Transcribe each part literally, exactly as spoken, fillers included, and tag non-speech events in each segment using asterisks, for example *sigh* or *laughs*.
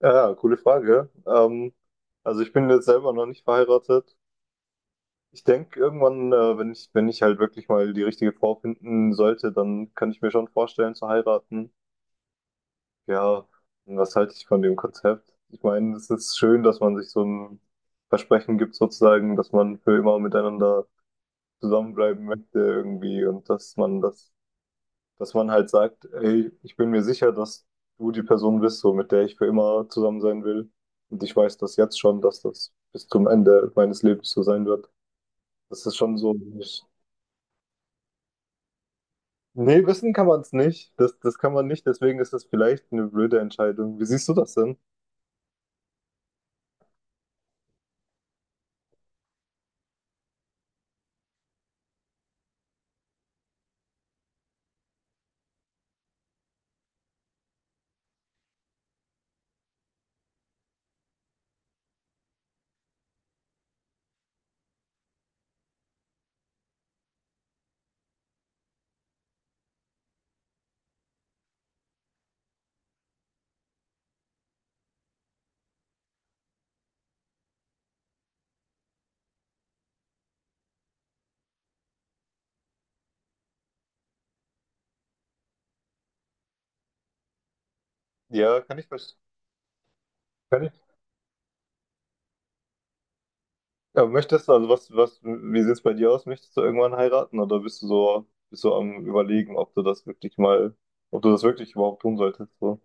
Ja, ja, coole Frage. Ähm, also ich bin jetzt selber noch nicht verheiratet. Ich denke, irgendwann, äh, wenn ich, wenn ich halt wirklich mal die richtige Frau finden sollte, dann kann ich mir schon vorstellen zu heiraten. Ja, und was halte ich von dem Konzept? Ich meine, es ist schön, dass man sich so ein Versprechen gibt, sozusagen, dass man für immer miteinander zusammenbleiben möchte irgendwie und dass man das dass man halt sagt, ey, ich bin mir sicher, dass du die Person bist, so mit der ich für immer zusammen sein will. Und ich weiß das jetzt schon, dass das bis zum Ende meines Lebens so sein wird. Das ist schon so. Nee, wissen kann man es nicht. Das, das kann man nicht, deswegen ist das vielleicht eine blöde Entscheidung. Wie siehst du das denn? Ja, kann ich verstehen. Kann ich. Aber möchtest du, also was, was, wie sieht es bei dir aus? Möchtest du irgendwann heiraten oder bist du so, bist du am Überlegen, ob du das wirklich mal, ob du das wirklich überhaupt tun solltest? So?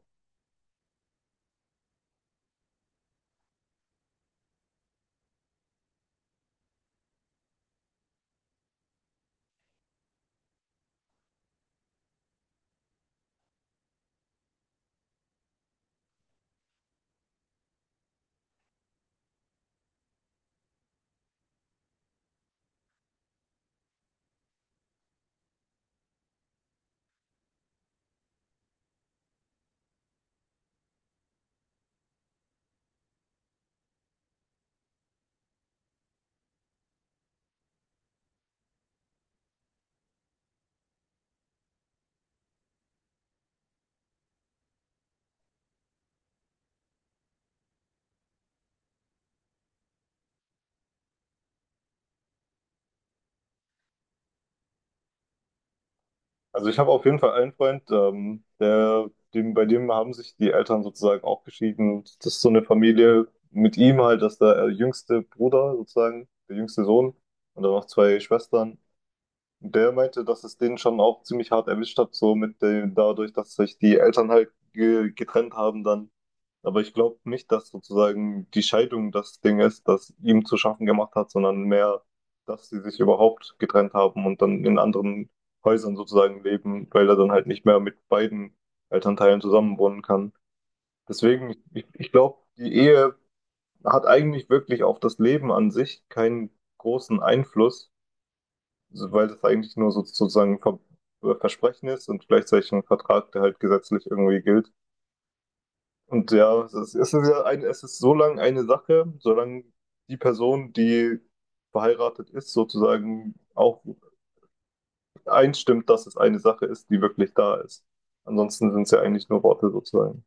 Also ich habe auf jeden Fall einen Freund, ähm, der, dem, bei dem haben sich die Eltern sozusagen auch geschieden. Und das ist so eine Familie mit ihm halt, dass der äh, jüngste Bruder sozusagen, der jüngste Sohn und dann noch zwei Schwestern. Der meinte, dass es den schon auch ziemlich hart erwischt hat, so mit dem, dadurch, dass sich die Eltern halt ge getrennt haben dann. Aber ich glaube nicht, dass sozusagen die Scheidung das Ding ist, das ihm zu schaffen gemacht hat, sondern mehr, dass sie sich überhaupt getrennt haben und dann in anderen Häusern sozusagen leben, weil er dann halt nicht mehr mit beiden Elternteilen zusammenwohnen kann. Deswegen, ich, ich glaube, die Ehe hat eigentlich wirklich auf das Leben an sich keinen großen Einfluss, so- weil das eigentlich nur so, sozusagen ein Ver äh, Versprechen ist und gleichzeitig ein Vertrag, der halt gesetzlich irgendwie gilt. Und ja, es ist, es ist ja ein, es ist so lange eine Sache, solange die Person, die verheiratet ist, sozusagen auch einstimmt, dass es eine Sache ist, die wirklich da ist. Ansonsten sind es ja eigentlich nur Worte sozusagen.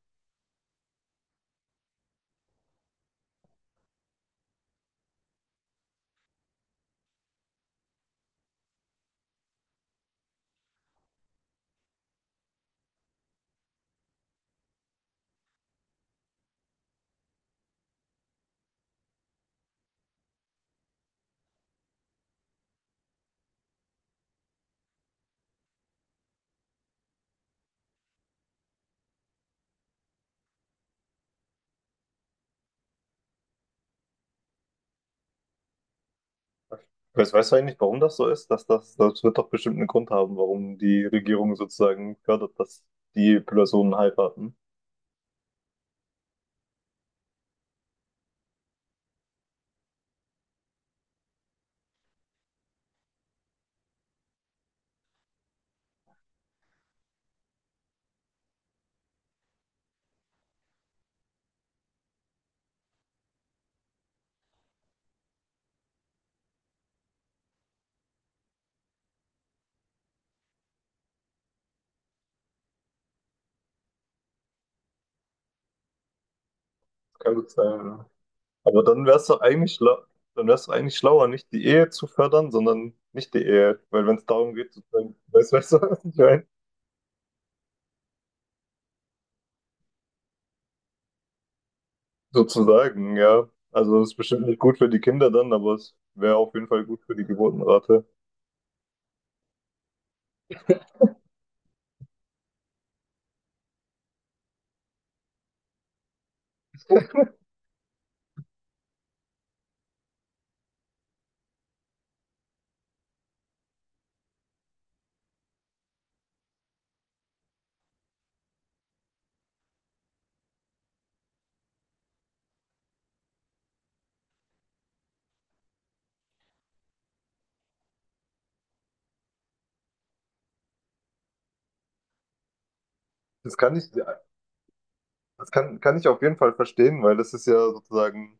Weißt, weißt du eigentlich, warum das so ist? Dass das, das wird doch bestimmt einen Grund haben, warum die Regierung sozusagen fördert, dass die Personen heiraten. Kann gut sein. Aber dann wär's doch eigentlich schla dann wär's doch eigentlich schlauer, nicht die Ehe zu fördern, sondern nicht die Ehe. Weil wenn es darum geht, sozusagen, weißt weißt du, *laughs* was ich meine? Sozusagen, ja. Also es ist bestimmt nicht gut für die Kinder dann, aber es wäre auf jeden Fall gut für die Geburtenrate. Das kann ich, das kann, kann ich auf jeden Fall verstehen, weil das ist ja sozusagen,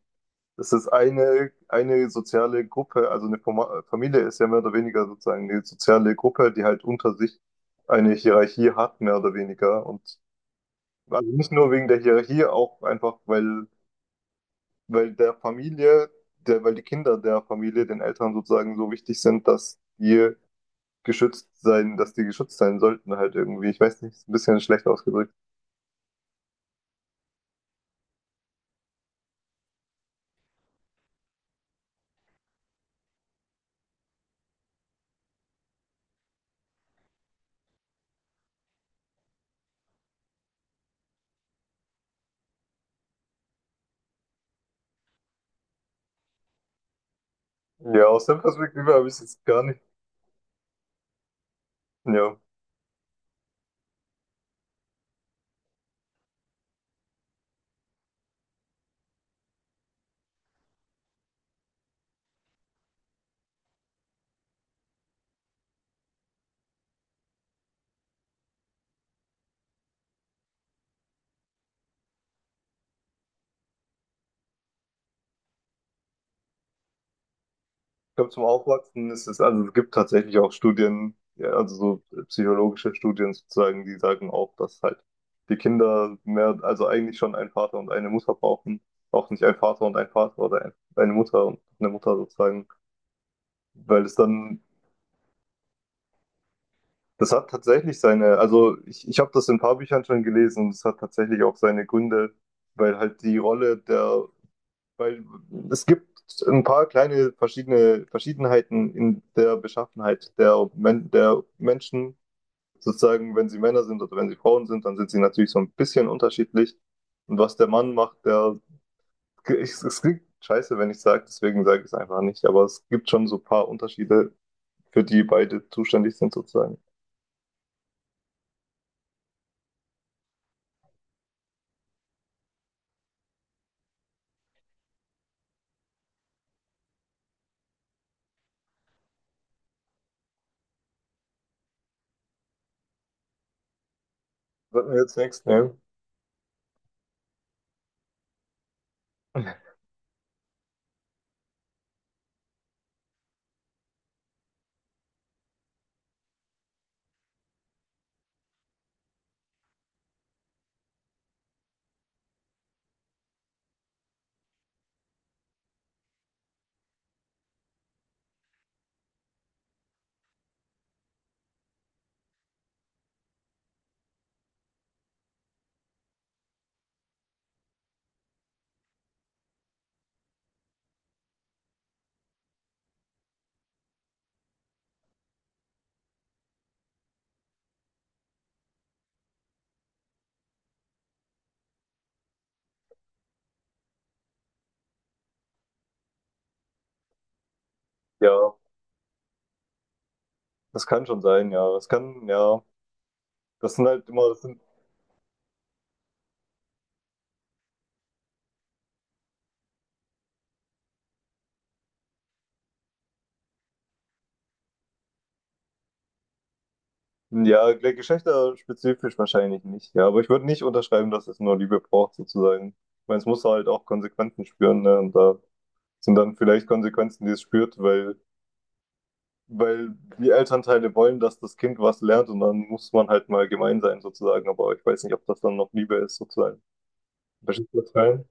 das ist eine, eine soziale Gruppe, also eine Fama- Familie ist ja mehr oder weniger sozusagen eine soziale Gruppe, die halt unter sich eine Hierarchie hat, mehr oder weniger. Und also nicht nur wegen der Hierarchie, auch einfach, weil, weil der Familie, der, weil die Kinder der Familie den Eltern sozusagen so wichtig sind, dass die geschützt sein, dass die geschützt sein sollten halt irgendwie. Ich weiß nicht, ist ein bisschen schlecht ausgedrückt. Ja, aus der Perspektive habe ich es jetzt gar nicht. Ja. Ich glaube, zum Aufwachsen ist es, also es gibt tatsächlich auch Studien, ja, also so psychologische Studien sozusagen, die sagen auch, dass halt die Kinder mehr, also eigentlich schon einen Vater und eine Mutter brauchen, auch nicht ein Vater und ein Vater oder ein, eine Mutter und eine Mutter sozusagen, weil es dann, das hat tatsächlich seine, also ich, ich habe das in ein paar Büchern schon gelesen und es hat tatsächlich auch seine Gründe, weil halt die Rolle der Weil es gibt ein paar kleine verschiedene Verschiedenheiten in der Beschaffenheit der, Men der Menschen, sozusagen, wenn sie Männer sind oder wenn sie Frauen sind, dann sind sie natürlich so ein bisschen unterschiedlich. Und was der Mann macht, der, ich, es klingt scheiße, wenn ich sage, deswegen sage ich es einfach nicht, aber es gibt schon so ein paar Unterschiede, für die beide zuständig sind, sozusagen. Sollten wir jetzt nichts nehmen? Ja, das kann schon sein, ja. Das kann, ja. Das sind halt immer, das sind. Ja, gleich geschlechterspezifisch wahrscheinlich nicht. Ja, aber ich würde nicht unterschreiben, dass es nur Liebe braucht, sozusagen. Ich meine, es muss halt auch Konsequenzen spüren, ne? Und da sind dann vielleicht Konsequenzen, die es spürt, weil, weil die Elternteile wollen, dass das Kind was lernt und dann muss man halt mal gemein sein, sozusagen. Aber ich weiß nicht, ob das dann noch Liebe ist, sozusagen. Verstehst du das